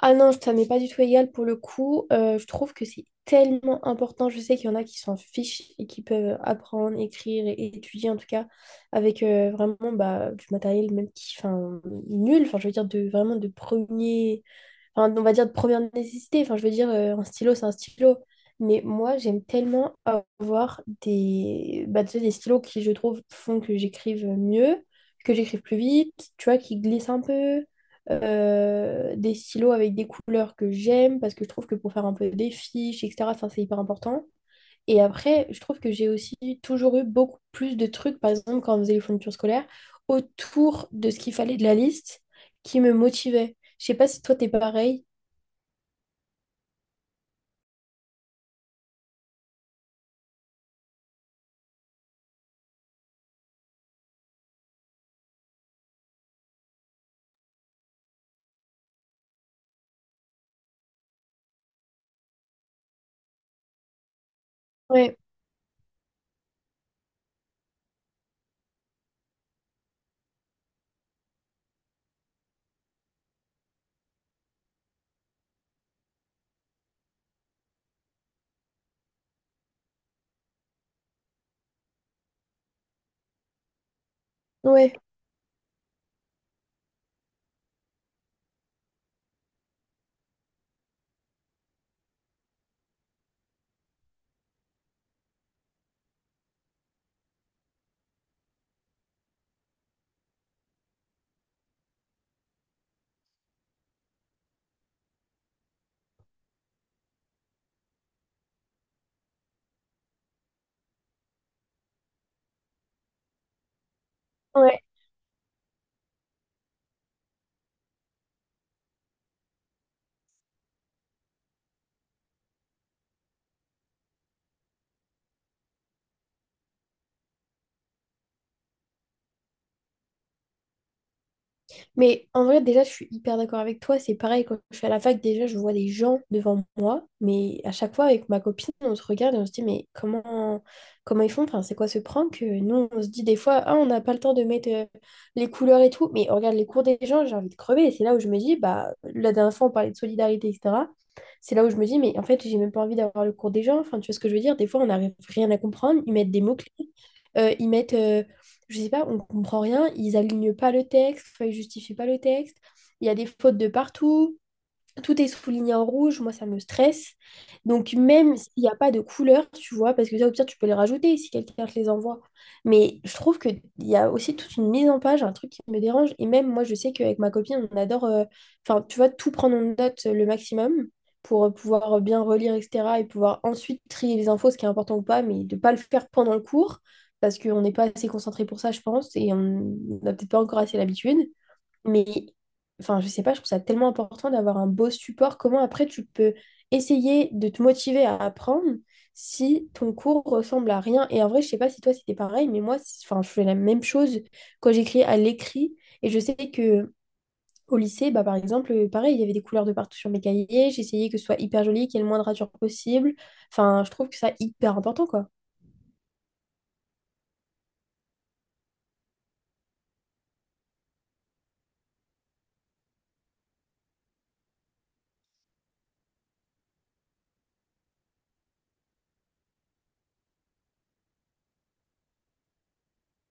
Ah non, ça m'est pas du tout égal pour le coup. Je trouve que c'est tellement important. Je sais qu'il y en a qui s'en fichent et qui peuvent apprendre, écrire et étudier en tout cas avec vraiment bah, du matériel même qui, enfin, nul. Enfin, je veux dire de vraiment de premier, enfin, on va dire de première nécessité. Enfin, je veux dire, un stylo, c'est un stylo. Mais moi, j'aime tellement avoir des, bah, tu sais, des stylos qui, je trouve, font que j'écrive mieux, que j'écrive plus vite, tu vois, qui glissent un peu. Des stylos avec des couleurs que j'aime, parce que je trouve que pour faire un peu des fiches, etc., enfin, c'est hyper important. Et après, je trouve que j'ai aussi toujours eu beaucoup plus de trucs, par exemple, quand on faisait les fournitures scolaires, autour de ce qu'il fallait de la liste qui me motivait. Je sais pas si toi, t'es pareil. Ouais, ouais, ouais. Mais en vrai, déjà, je suis hyper d'accord avec toi. C'est pareil, quand je suis à la fac, déjà, je vois des gens devant moi. Mais à chaque fois, avec ma copine, on se regarde et on se dit, mais comment, comment ils font? Enfin, c'est quoi ce prank? Nous, on se dit des fois, ah, on n'a pas le temps de mettre les couleurs et tout. Mais on regarde les cours des gens, j'ai envie de crever. Et c'est là où je me dis, bah, la dernière fois, on parlait de solidarité, etc. C'est là où je me dis, mais en fait, j'ai même pas envie d'avoir le cours des gens. Enfin, tu vois ce que je veux dire? Des fois, on n'arrive rien à comprendre. Ils mettent des mots-clés. Ils mettent je sais pas, on comprend rien, ils alignent pas le texte, enfin, ils justifient pas le texte, il y a des fautes de partout, tout est souligné en rouge, moi ça me stresse. Donc même s'il n'y a pas de couleur, tu vois, parce que ça au pire tu peux les rajouter si quelqu'un te les envoie. Mais je trouve qu'il y a aussi toute une mise en page, un truc qui me dérange. Et même moi je sais qu'avec ma copine on adore, enfin tu vois, tout prendre en note le maximum pour pouvoir bien relire, etc. Et pouvoir ensuite trier les infos, ce qui est important ou pas, mais de ne pas le faire pendant le cours, parce qu'on n'est pas assez concentré pour ça, je pense, et on n'a peut-être pas encore assez l'habitude. Mais, enfin, je sais pas, je trouve ça tellement important d'avoir un beau support. Comment après tu peux essayer de te motiver à apprendre si ton cours ressemble à rien? Et en vrai, je sais pas si toi c'était pareil, mais moi, enfin, je fais la même chose quand j'écris à l'écrit. Et je sais que au lycée, bah, par exemple, pareil, il y avait des couleurs de partout sur mes cahiers. J'essayais que ce soit hyper joli, qu'il y ait le moins de ratures possible. Enfin, je trouve que ça hyper important, quoi.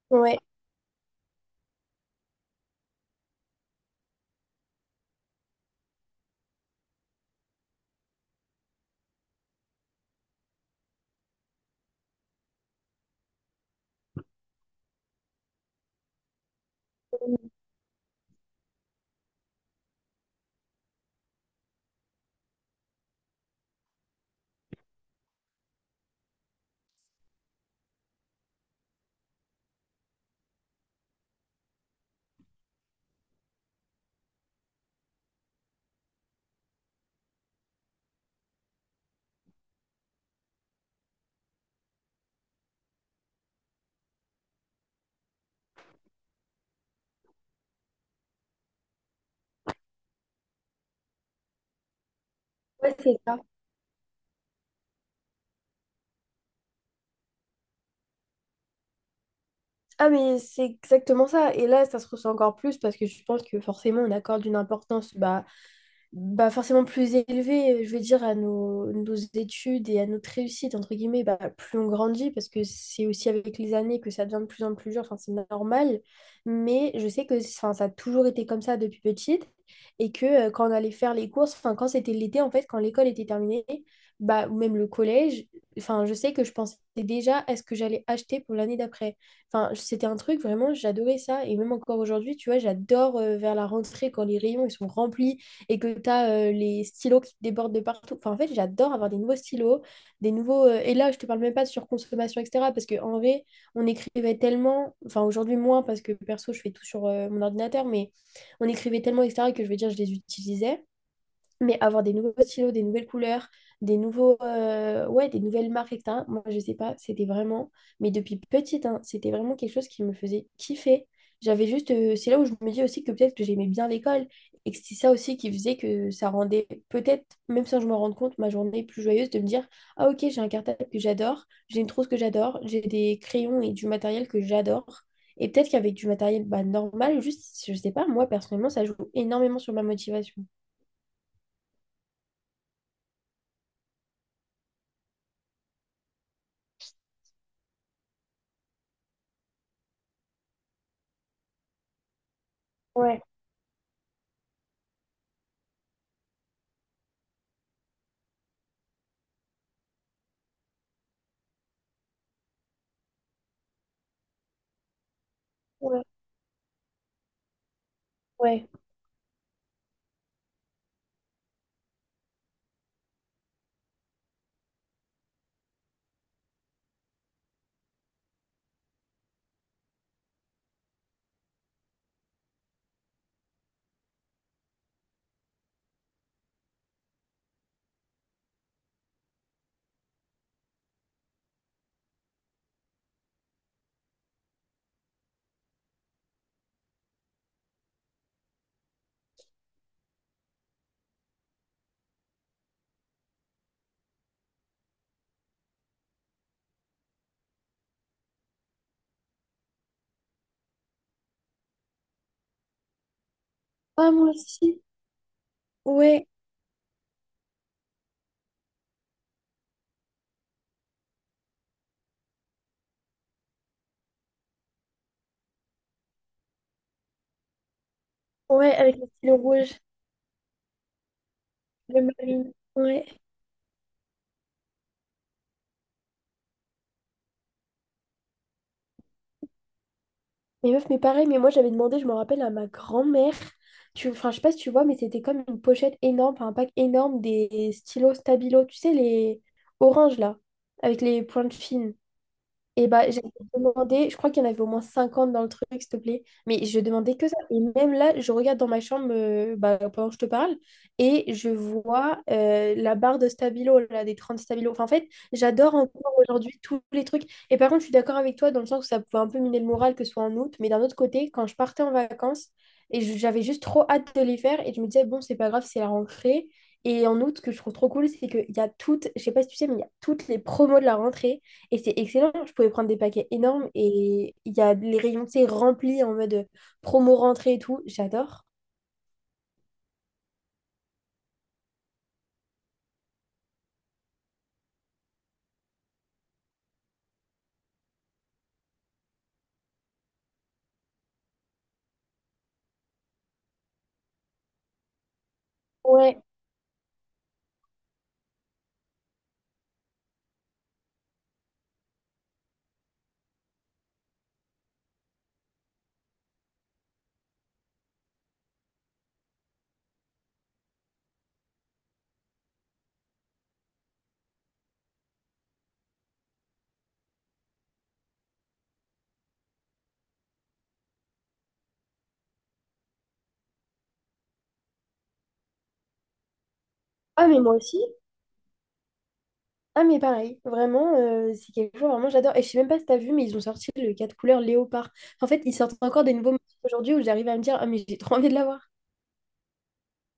Ouais, ouais, c'est ça. Ah, mais c'est exactement ça. Et là, ça se ressent encore plus parce que je pense que forcément, on accorde une importance bah, bah, forcément plus élevé, je veux dire, à nos, nos études et à notre réussite, entre guillemets, bah, plus on grandit, parce que c'est aussi avec les années que ça devient de plus en plus dur, enfin, c'est normal, mais je sais que enfin, ça a toujours été comme ça depuis petite, et que quand on allait faire les courses, enfin, quand c'était l'été, en fait, quand l'école était terminée, bah, ou même le collège, enfin, je sais que je pensais déjà à ce que j'allais acheter pour l'année d'après. Enfin, c'était un truc, vraiment, j'adorais ça, et même encore aujourd'hui, tu vois, j'adore vers la rentrée, quand les rayons, ils sont remplis, et que tu as les stylos qui débordent de partout. Enfin, en fait, j'adore avoir des nouveaux stylos, des nouveaux. Et là, je te parle même pas de surconsommation, etc. Parce qu'en vrai, on écrivait tellement. Enfin, aujourd'hui, moins, parce que perso, je fais tout sur mon ordinateur, mais on écrivait tellement, etc., que je veux dire, je les utilisais. Mais avoir des nouveaux stylos, des nouvelles couleurs, des nouveaux, ouais, des nouvelles marques, et etc. Moi, je sais pas, c'était vraiment, mais depuis petite, hein, c'était vraiment quelque chose qui me faisait kiffer. J'avais juste, c'est là où je me dis aussi que peut-être que j'aimais bien l'école et que c'est ça aussi qui faisait que ça rendait peut-être, même sans que je me rende compte, ma journée plus joyeuse de me dire, ah ok, j'ai un cartable que j'adore, j'ai une trousse que j'adore, j'ai des crayons et du matériel que j'adore. Et peut-être qu'avec du matériel bah, normal, juste, je sais pas, moi personnellement, ça joue énormément sur ma motivation. Ouais. Ouais, Ouais. Ah, moi aussi. Ouais, Ouais, avec le stylo rouge, le marine. Ouais. Mais meuf, mais pareil, mais moi j'avais demandé, je me rappelle à ma grand-mère, enfin je sais pas si tu vois, mais c'était comme une pochette énorme, enfin, un pack énorme des stylos Stabilo, tu sais, les oranges là, avec les pointes fines. Et bah, j'avais demandé, je crois qu'il y en avait au moins 50 dans le truc, s'il te plaît. Mais je demandais que ça. Et même là, je regarde dans ma chambre bah, pendant que je te parle et je vois la barre de stabilo, là, des 30 stabilo. Enfin, en fait, j'adore encore aujourd'hui tous les trucs. Et par contre, je suis d'accord avec toi dans le sens où ça pouvait un peu miner le moral que ce soit en août. Mais d'un autre côté, quand je partais en vacances, et j'avais juste trop hâte de les faire et je me disais, bon, c'est pas grave, c'est la rentrée. Et en août, ce que je trouve trop cool, c'est qu'il y a toutes, je sais pas si tu sais, mais il y a toutes les promos de la rentrée. Et c'est excellent, je pouvais prendre des paquets énormes et il y a les rayons, tu sais, remplis en mode promo rentrée et tout, j'adore. Ouais. Ah, mais moi aussi. Ah, mais pareil, vraiment, c'est quelque chose, vraiment, j'adore. Et je sais même pas si t'as vu, mais ils ont sorti le 4 couleurs léopard. En fait, ils sortent encore des nouveaux motifs aujourd'hui où j'arrive à me dire, ah, mais j'ai trop envie de l'avoir.